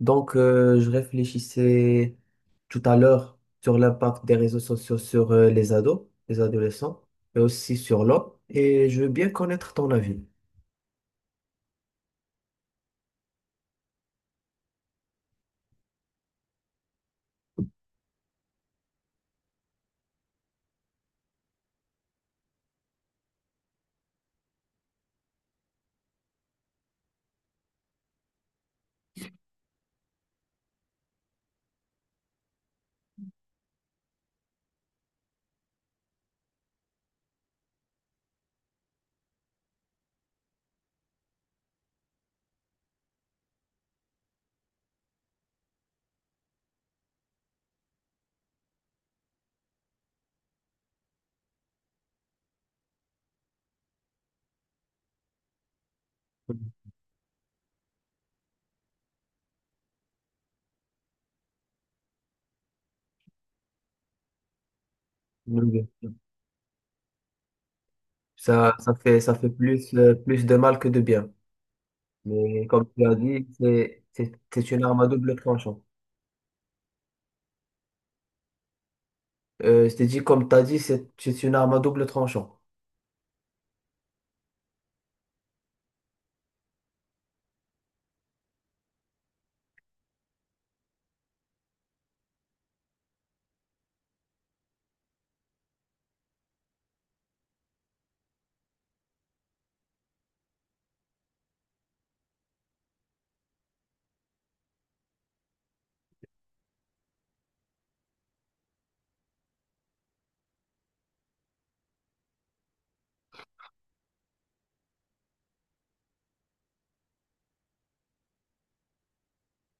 Je réfléchissais tout à l'heure sur l'impact des réseaux sociaux sur les ados, les adolescents, mais aussi sur l'homme. Et je veux bien connaître ton avis. Mhm. Ça fait plus, plus de mal que de bien. Mais comme tu as dit, c'est une arme à double tranchant. Je t'ai dit, comme tu as dit, c'est une arme à double tranchant.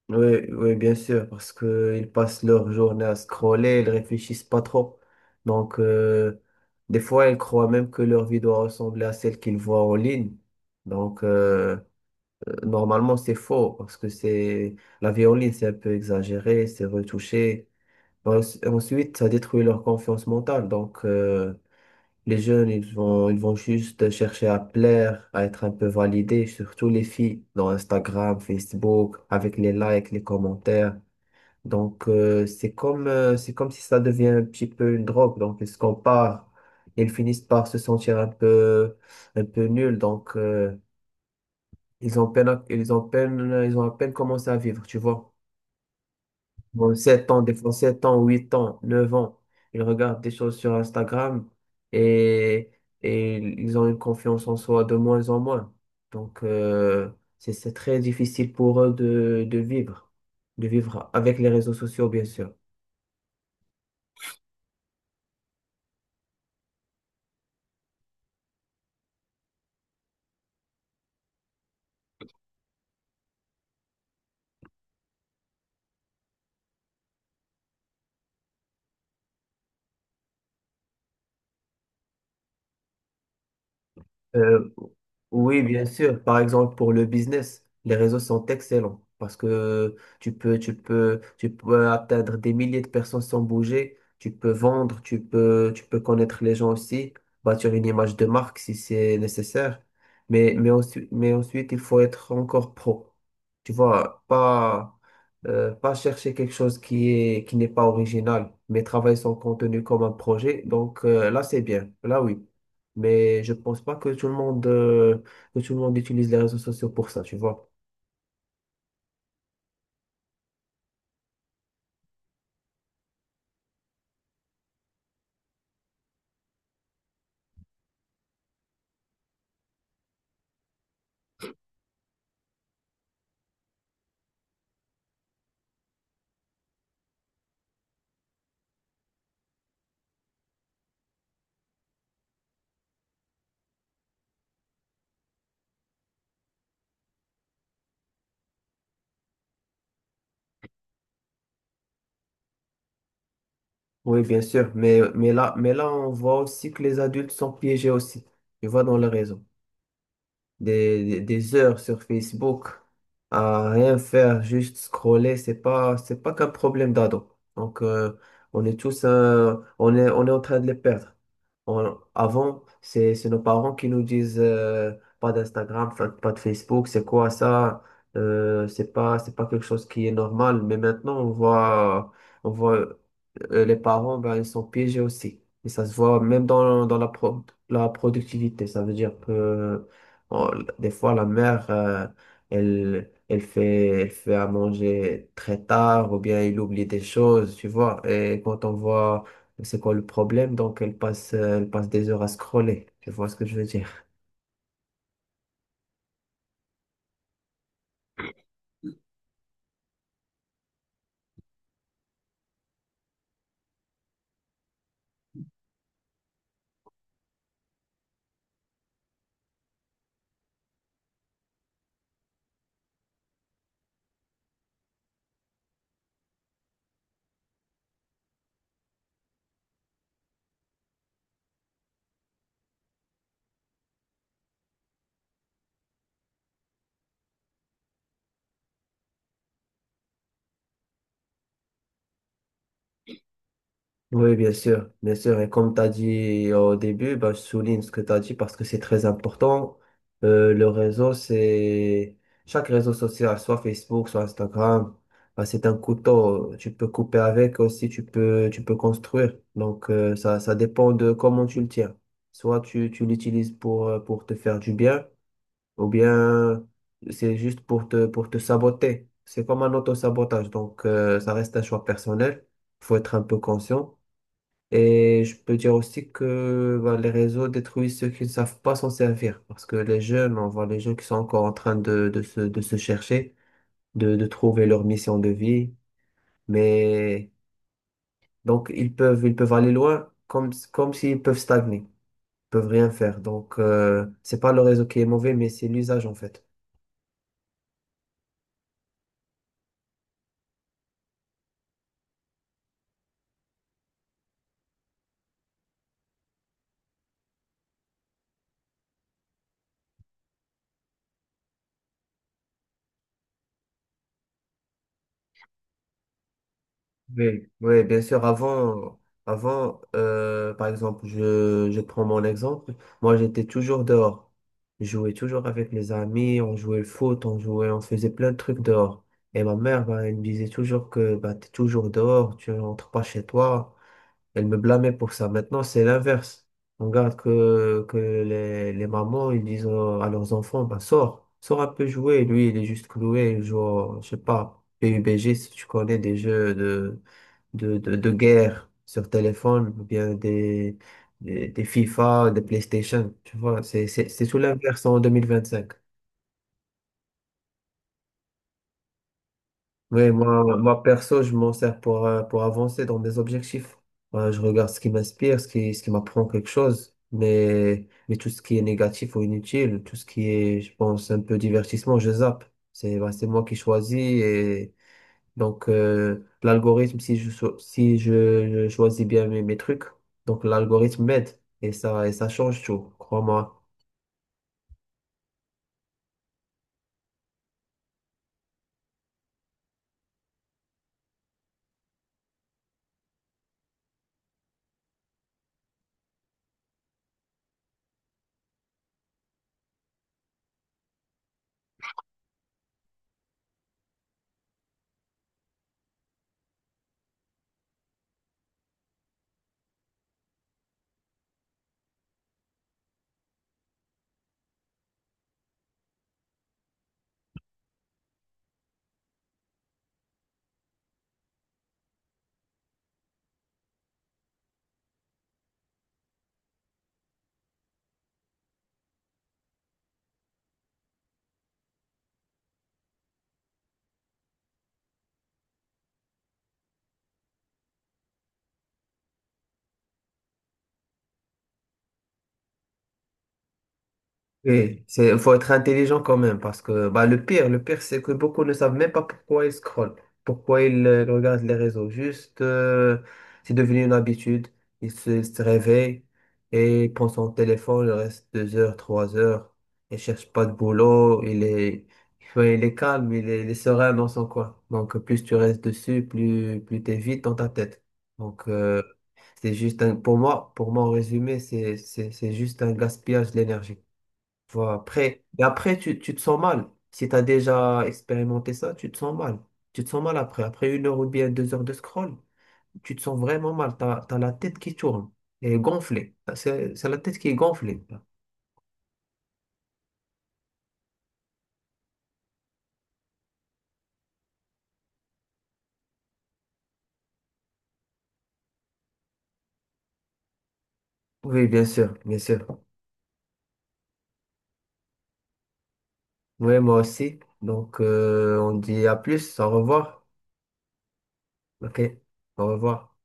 Oui, oui, bien sûr, parce qu'ils passent leur journée à scroller, ils réfléchissent pas trop. Donc, euh, des fois, ils croient même que leur vie doit ressembler à celle qu'ils voient en ligne. Donc, euh, normalement, c'est faux, parce que c'est la vie en ligne, c'est un peu exagéré, c'est retouché. En- Ensuite, ça détruit leur confiance mentale. Les jeunes, ils vont juste chercher à plaire, à être un peu validés, surtout les filles, dans Instagram, Facebook, avec les likes, les commentaires. C'est comme si ça devient un petit peu une drogue. Donc, ils se comparent. Ils finissent par se sentir un peu nuls. Ils ont à peine commencé à vivre, tu vois. Bon, 7 ans, des fois 7 ans, 8 ans, 9 ans, ils regardent des choses sur Instagram et, et ils ont une confiance en soi de moins en moins. Donc, euh, c'est très difficile pour eux de, de vivre avec les réseaux sociaux, bien sûr. Euh, oui, bien sûr. Par exemple, pour le business, les réseaux sont excellents parce que tu peux atteindre des milliers de personnes sans bouger. Tu peux vendre, tu peux connaître les gens aussi, bâtir une image de marque si c'est nécessaire. Mais ensuite, il faut être encore pro. Tu vois, pas, pas chercher quelque chose qui n'est pas original, mais travailler son contenu comme un projet. Là, c'est bien. Là, oui. Mais je pense pas que que tout le monde utilise les réseaux sociaux pour ça, tu vois. Oui, bien sûr. Mais là, on voit aussi que les adultes sont piégés aussi. Tu vois, dans les réseaux. Des heures sur Facebook à rien faire, juste scroller, c'est pas qu'un problème d'ado. On est tous, on est en train de les perdre. Avant, c'est nos parents qui nous disent pas d'Instagram, pas de Facebook, c'est quoi ça? C'est pas quelque chose qui est normal. Mais maintenant, on voit les parents, ben, ils sont piégés aussi. Et ça se voit même dans, dans la productivité. Ça veut dire que on- des fois, elle fait à manger très tard ou bien elle oublie des choses, tu vois. Et quand on voit c'est quoi le problème? Donc, elle passe des heures à scroller. Tu vois ce que je veux dire? Oui, bien sûr, bien sûr. Et comme tu as dit au début, bah, je souligne ce que tu as dit parce que c'est très important. Le réseau, c'est... Chaque réseau social, soit Facebook, soit Instagram, bah, c'est un couteau. Tu peux couper avec aussi, tu peux construire. Ça dépend de comment tu le tiens. Soit tu l'utilises pour te faire du bien, ou bien c'est juste pour pour te saboter. C'est comme un auto-sabotage, ça reste un choix personnel, faut être un peu conscient. Et je peux dire aussi que bah, les réseaux détruisent ceux qui ne savent pas s'en servir, parce que les jeunes, on voit les jeunes qui sont encore en train de se chercher, de trouver leur mission de vie, mais donc ils peuvent aller loin comme, comme s'ils peuvent stagner peuvent rien faire. C'est pas le réseau qui est mauvais, mais c'est l'usage en fait. Oui, oui, bien sûr. Avant, avant par exemple, je prends mon exemple. Moi, j'étais toujours dehors. Je jouais toujours avec mes amis, on jouait le foot, on faisait plein de trucs dehors. Et ma mère, ben, elle me disait toujours que bah, tu es toujours dehors, tu rentres pas chez toi. Elle me blâmait pour ça. Maintenant, c'est l'inverse. On regarde les mamans, ils disent à leurs enfants, bah, sors, sors un peu jouer. Lui, il est juste cloué, je sais pas, PUBG, si tu connais des jeux de guerre sur téléphone, ou bien des FIFA, des PlayStation. Tu vois, c'est tout l'inverse en 2025. Oui, moi perso, je m'en sers pour avancer dans mes objectifs. Je regarde ce qui m'inspire, ce qui m'apprend quelque chose, mais tout ce qui est négatif ou inutile, tout ce qui est, je pense, un peu divertissement, je zappe. C'est, bah, c'est moi qui choisis et l'algorithme, si je, cho- si je, je choisis bien mes trucs, donc l'algorithme m'aide et ça change tout, crois-moi. Oui, c'est, faut être intelligent quand même, parce que bah, le pire, c'est que beaucoup ne savent même pas pourquoi ils scrollent, pourquoi ils regardent les réseaux. Juste, c'est devenu une habitude. Se réveillent et ils prennent son téléphone, il reste deux heures, trois heures, il cherche pas de boulot, ouais, il est calme, il est serein dans son coin. Donc, plus tu restes dessus, plus t'es vite dans ta tête. Donc, euh, c'est juste un, pour moi, en résumé, c'est juste un gaspillage d'énergie. Voilà. Et après tu te sens mal. Si tu as déjà expérimenté ça, tu te sens mal. Tu te sens mal après. Après une heure ou bien deux heures de scroll, tu te sens vraiment mal. Tu as la tête qui tourne et gonflée. C'est la tête qui est gonflée. Oui, bien sûr, bien sûr. Oui, moi aussi. On dit à plus, au revoir. Ok, au revoir.